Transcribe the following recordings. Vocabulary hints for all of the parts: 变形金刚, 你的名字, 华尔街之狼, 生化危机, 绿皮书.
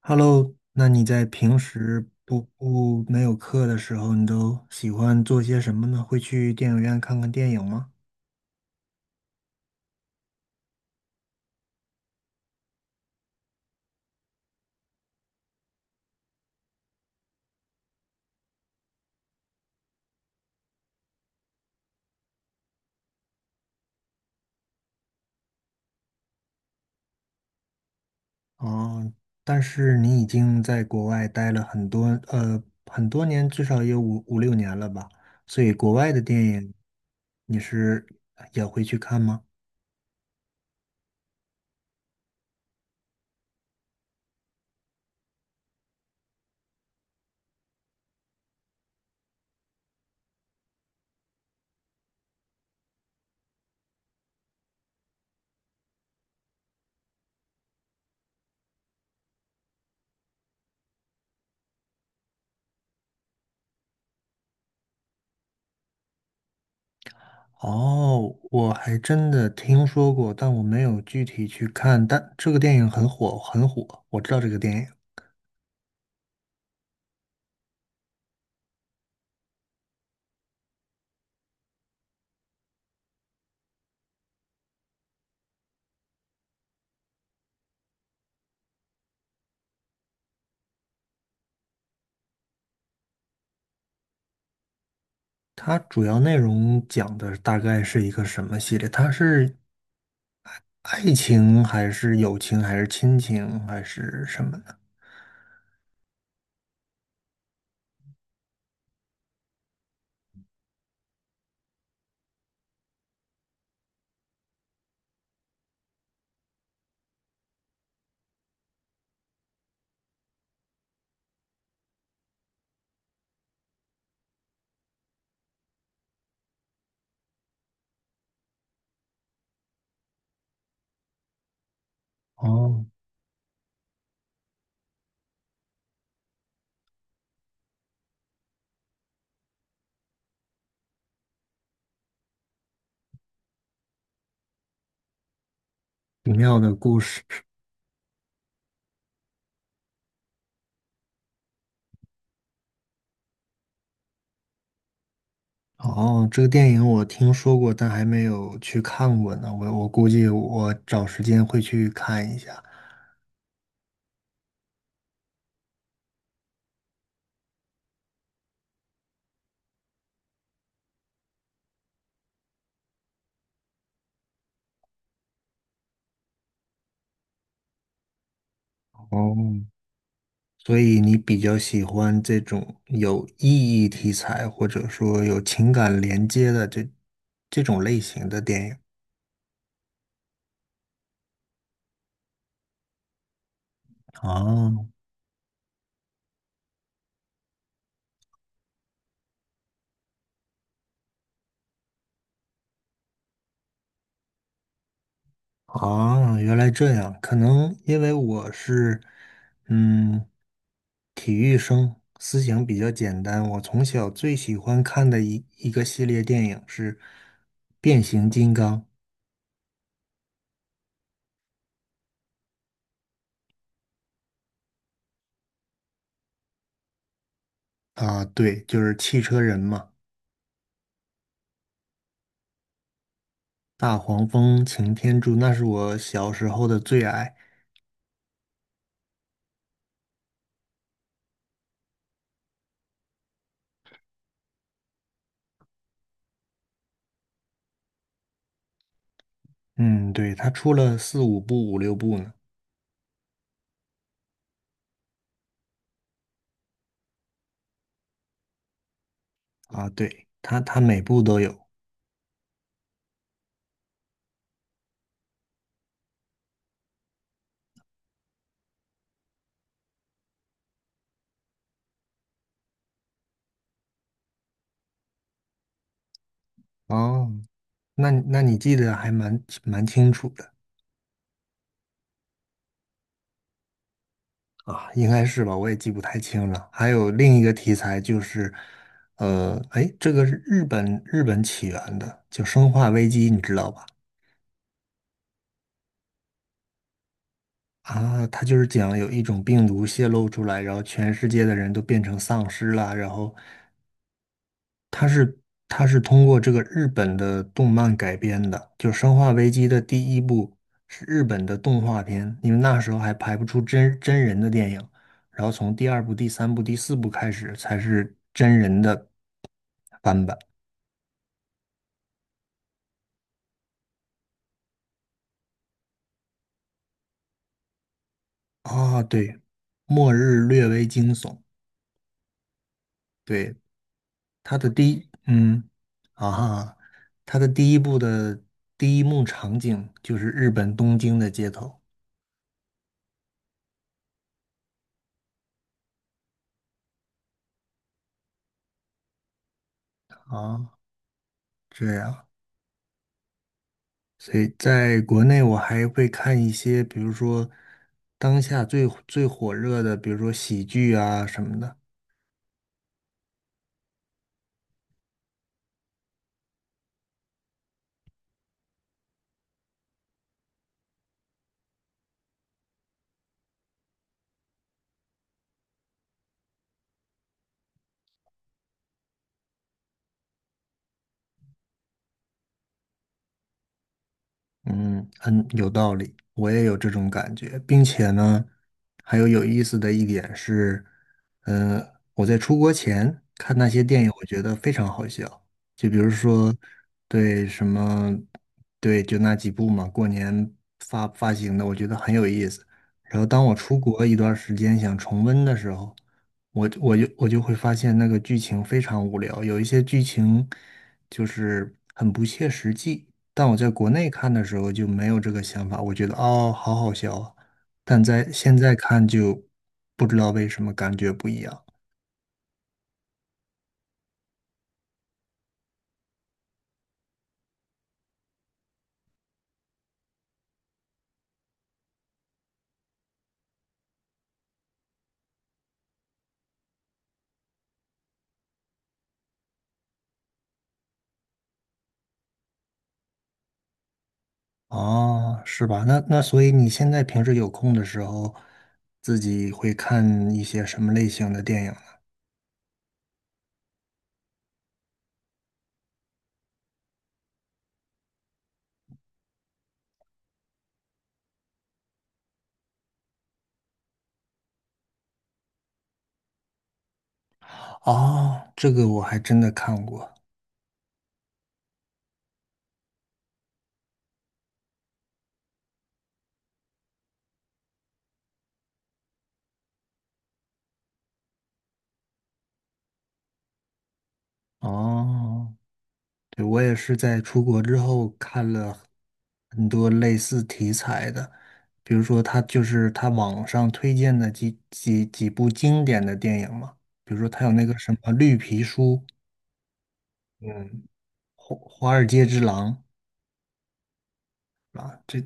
Hello，那你在平时不没有课的时候，你都喜欢做些什么呢？会去电影院看看电影吗？哦，但是你已经在国外待了很多很多年，至少也有五六年了吧？所以国外的电影你是也会去看吗？哦，我还真的听说过，但我没有具体去看。但这个电影很火，很火，我知道这个电影。它主要内容讲的大概是一个什么系列？它是爱情还是友情还是亲情还是什么的？哦，奇妙的故事。哦，这个电影我听说过，但还没有去看过呢。我估计我找时间会去看一下。哦，所以你比较喜欢这种有意义题材，或者说有情感连接的这种类型的电影。哦，啊，原来这样，可能因为我是，嗯，体育生，思想比较简单。我从小最喜欢看的一个系列电影是《变形金刚》。啊，对，就是汽车人嘛，大黄蜂、擎天柱，那是我小时候的最爱。嗯，对，他出了四五部、五六部呢。啊，对，他每部都有。哦，那你记得还蛮清楚的。啊，应该是吧，我也记不太清了。还有另一个题材就是，哎，这个是日本起源的，就《生化危机》，你知道吧？啊，它就是讲有一种病毒泄露出来，然后全世界的人都变成丧尸了，然后它是它是通过这个日本的动漫改编的，就《生化危机》的第一部是日本的动画片，因为那时候还拍不出真人的电影，然后从第二部、第三部、第四部开始才是真人的翻版。啊，对，末日略微惊悚，对，它的第一，嗯，啊哈，它的第一部的第一幕场景就是日本东京的街头啊，这样。所以在国内，我还会看一些，比如说当下最火热的，比如说喜剧啊什么的。嗯，很有道理，我也有这种感觉，并且呢，还有有意思的一点是，我在出国前看那些电影，我觉得非常好笑。就比如说，对什么，对，就那几部嘛，过年发行的，我觉得很有意思。然后当我出国一段时间想重温的时候，我就会发现那个剧情非常无聊，有一些剧情就是很不切实际。但我在国内看的时候就没有这个想法，我觉得哦，好好笑啊。但在现在看就不知道为什么感觉不一样。哦，是吧？那所以你现在平时有空的时候，自己会看一些什么类型的电影呢？哦，这个我还真的看过。哦，对，我也是在出国之后看了很多类似题材的，比如说他就是他网上推荐的几部经典的电影嘛，比如说他有那个什么《绿皮书》，嗯，《华尔街之狼》。啊，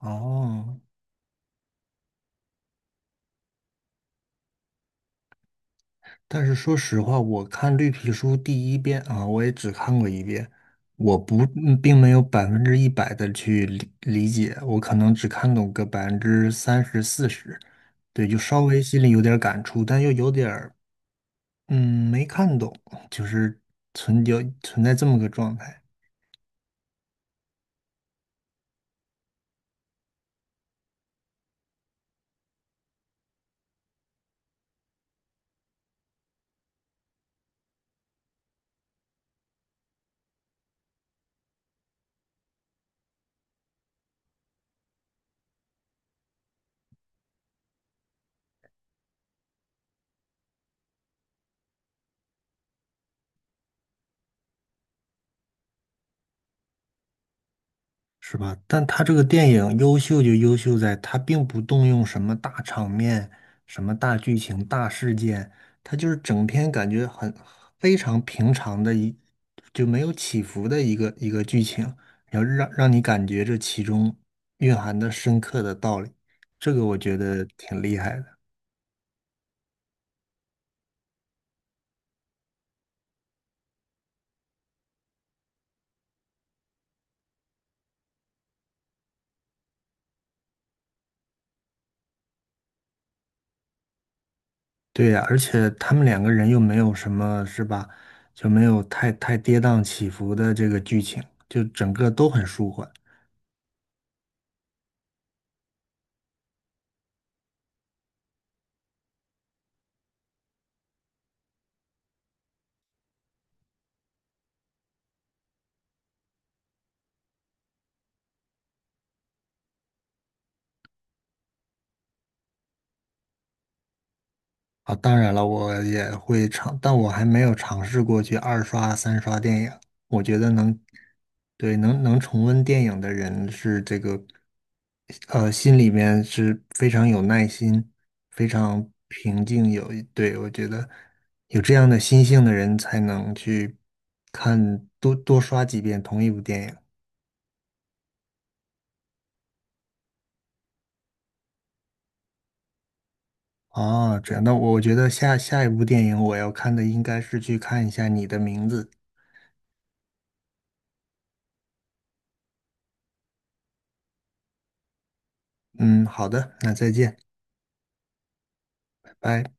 哦，但是说实话，我看《绿皮书》第一遍啊，我也只看过一遍，我不，嗯并没有100%的去理解，我可能只看懂个30%、40%，对，就稍微心里有点感触，但又有点儿，没看懂，就是存在这么个状态。是吧？但他这个电影优秀就优秀在，他并不动用什么大场面、什么大剧情、大事件，他就是整篇感觉很非常平常就没有起伏的一个一个剧情，然后让你感觉这其中蕴含的深刻的道理，这个我觉得挺厉害的。对呀，而且他们两个人又没有什么，是吧？就没有太跌宕起伏的这个剧情，就整个都很舒缓。啊，当然了，我也会尝，但我还没有尝试过去二刷、三刷电影。我觉得能，对，能重温电影的人是这个，心里面是非常有耐心、非常平静。有，对，我觉得有这样的心性的人才能去看多刷几遍同一部电影。哦，这样，那我觉得下一部电影我要看的应该是去看一下你的名字。嗯，好的，那再见，拜拜。